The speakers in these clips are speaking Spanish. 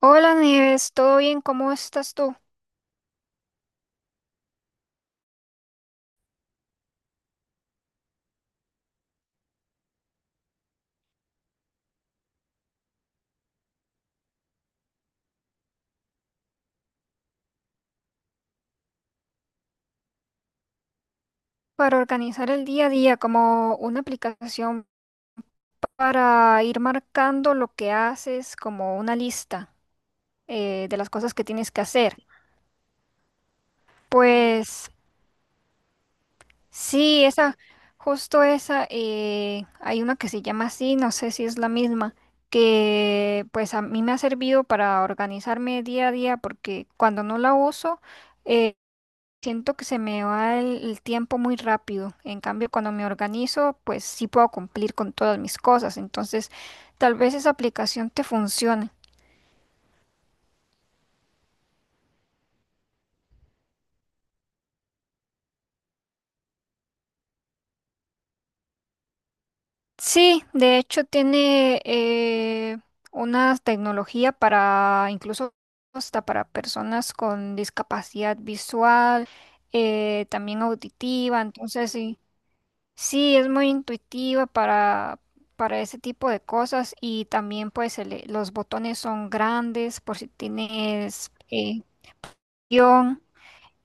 Hola Nieves, ¿todo bien? ¿Cómo estás tú? Para organizar el día a día, como una aplicación para ir marcando lo que haces, como una lista de las cosas que tienes que hacer. Pues sí, esa, justo esa, hay una que se llama así, no sé si es la misma, que pues a mí me ha servido para organizarme día a día porque cuando no la uso, eh, siento que se me va el tiempo muy rápido. En cambio, cuando me organizo, pues sí puedo cumplir con todas mis cosas. Entonces, tal vez esa aplicación te funcione. Sí, de hecho tiene una tecnología para incluso hasta para personas con discapacidad visual, también auditiva. Entonces, sí. Sí, es muy intuitiva para ese tipo de cosas y también pues los botones son grandes por si tienes guión.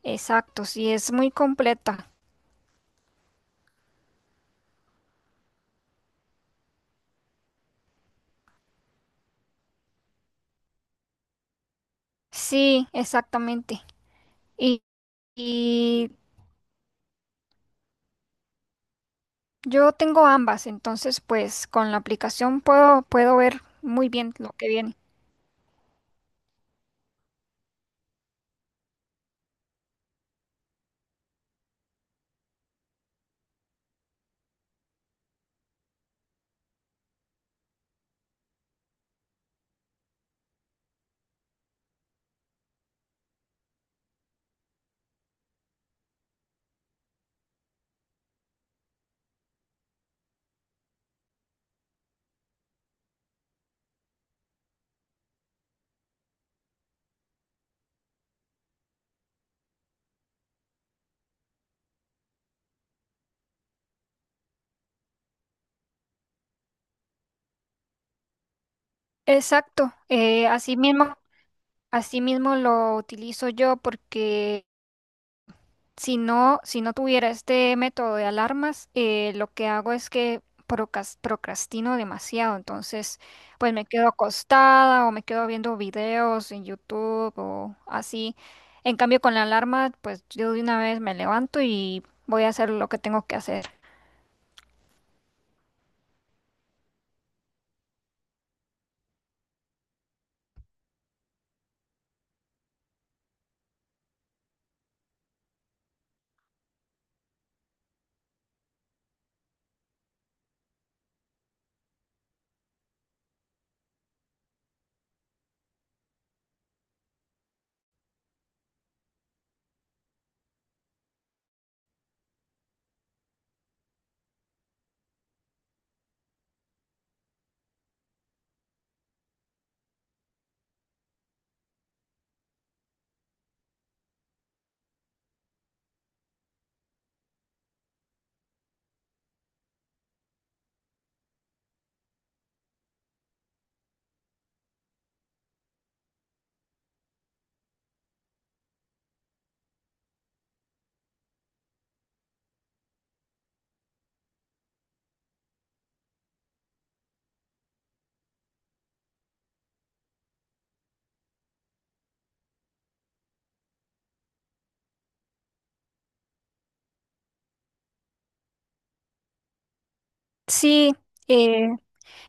Exacto, sí, es muy completa. Sí, exactamente. Y, y yo tengo ambas, entonces pues con la aplicación puedo ver muy bien lo que viene. Exacto, así mismo lo utilizo yo porque... Si no, si no tuviera este método de alarmas, lo que hago es que procrastino demasiado. Entonces, pues me quedo acostada o me quedo viendo videos en YouTube o así. En cambio, con la alarma, pues yo de una vez me levanto y voy a hacer lo que tengo que hacer. Sí, eh,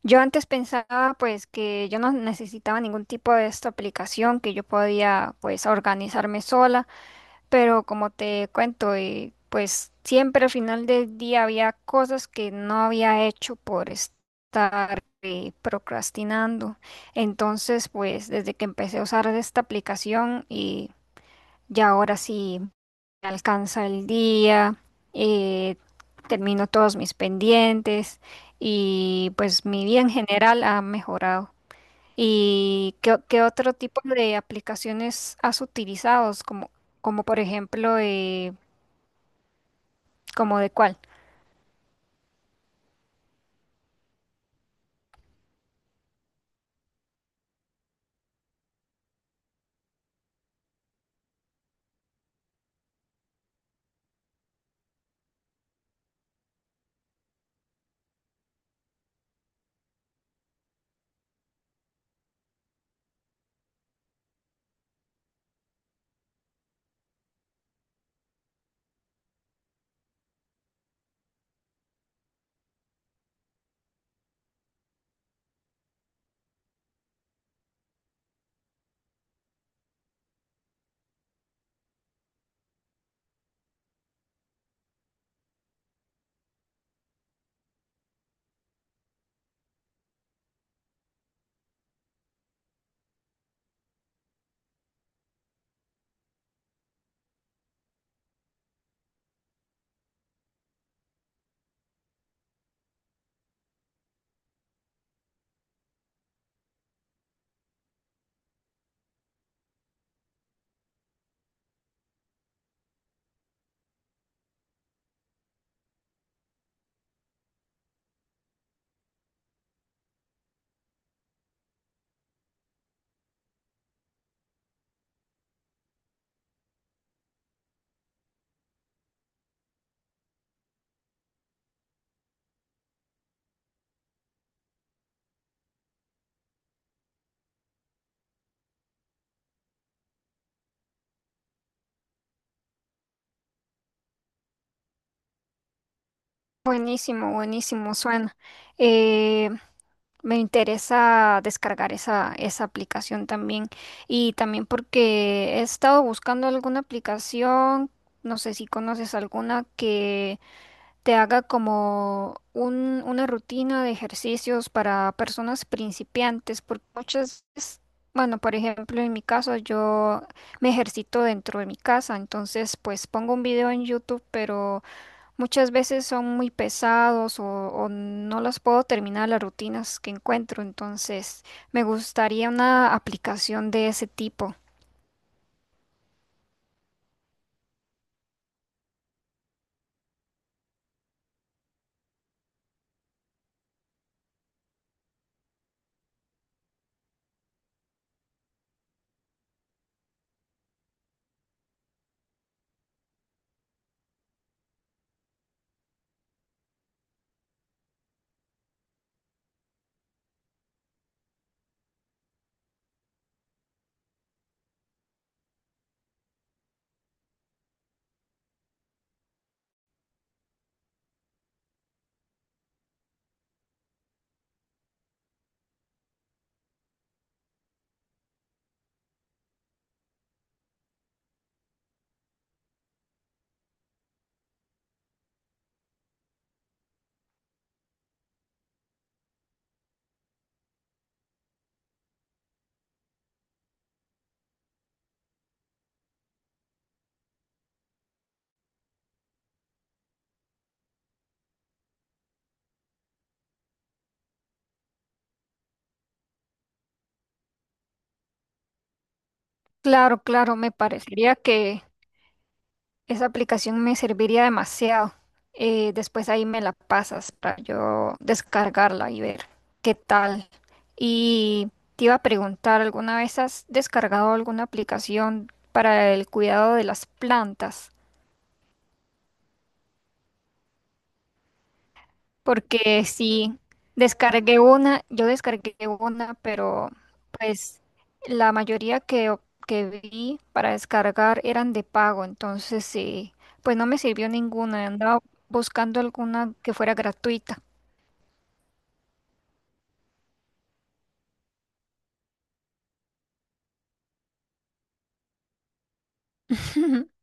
yo antes pensaba pues que yo no necesitaba ningún tipo de esta aplicación, que yo podía pues organizarme sola. Pero como te cuento, pues siempre al final del día había cosas que no había hecho por estar procrastinando. Entonces, pues desde que empecé a usar esta aplicación y ya ahora sí me alcanza el día, eh, termino todos mis pendientes y pues mi vida en general ha mejorado. ¿Y qué, qué otro tipo de aplicaciones has utilizado? Como, como por ejemplo, ¿Como de cuál? Buenísimo, buenísimo, suena. Eh, me interesa descargar esa aplicación también. Y también porque he estado buscando alguna aplicación, no sé si conoces alguna que te haga como una rutina de ejercicios para personas principiantes, porque muchas veces, bueno, por ejemplo, en mi caso yo me ejercito dentro de mi casa, entonces pues pongo un video en YouTube, pero... Muchas veces son muy pesados o no las puedo terminar las rutinas que encuentro, entonces me gustaría una aplicación de ese tipo. Claro, claro, me parecería que esa aplicación me serviría demasiado. Después ahí me la pasas para yo descargarla y ver qué tal. Y te iba a preguntar, ¿alguna vez has descargado alguna aplicación para el cuidado de las plantas? Porque sí, descargué una, yo descargué una, pero pues la mayoría que vi para descargar eran de pago, entonces sí, pues no me sirvió ninguna, andaba buscando alguna que fuera gratuita.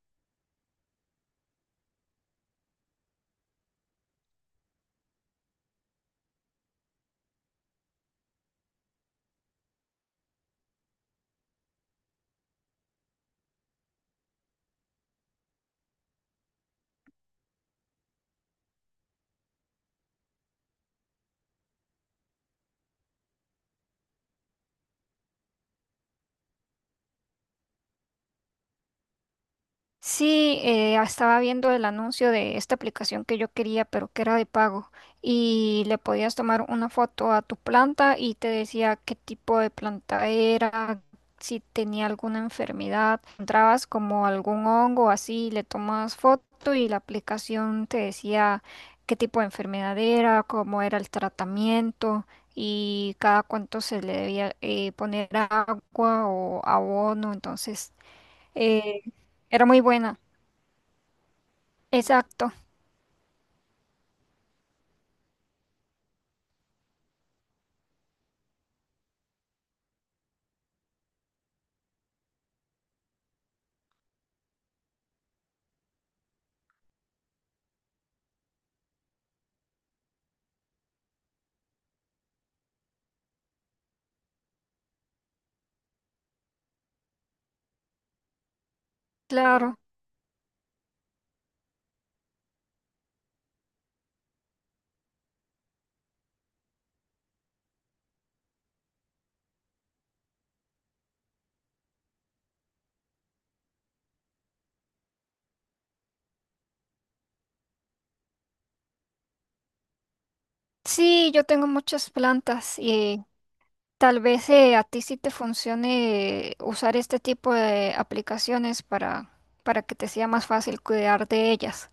Sí, estaba viendo el anuncio de esta aplicación que yo quería, pero que era de pago. Y le podías tomar una foto a tu planta y te decía qué tipo de planta era, si tenía alguna enfermedad. Encontrabas como algún hongo así, le tomas foto y la aplicación te decía qué tipo de enfermedad era, cómo era el tratamiento y cada cuánto se le debía poner agua o abono. Entonces, eh, era muy buena. Exacto, claro. Sí, yo tengo muchas plantas y tal vez a ti sí te funcione usar este tipo de aplicaciones para que te sea más fácil cuidar de ellas.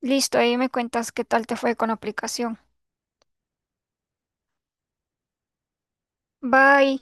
Listo, ahí me cuentas qué tal te fue con la aplicación. Bye.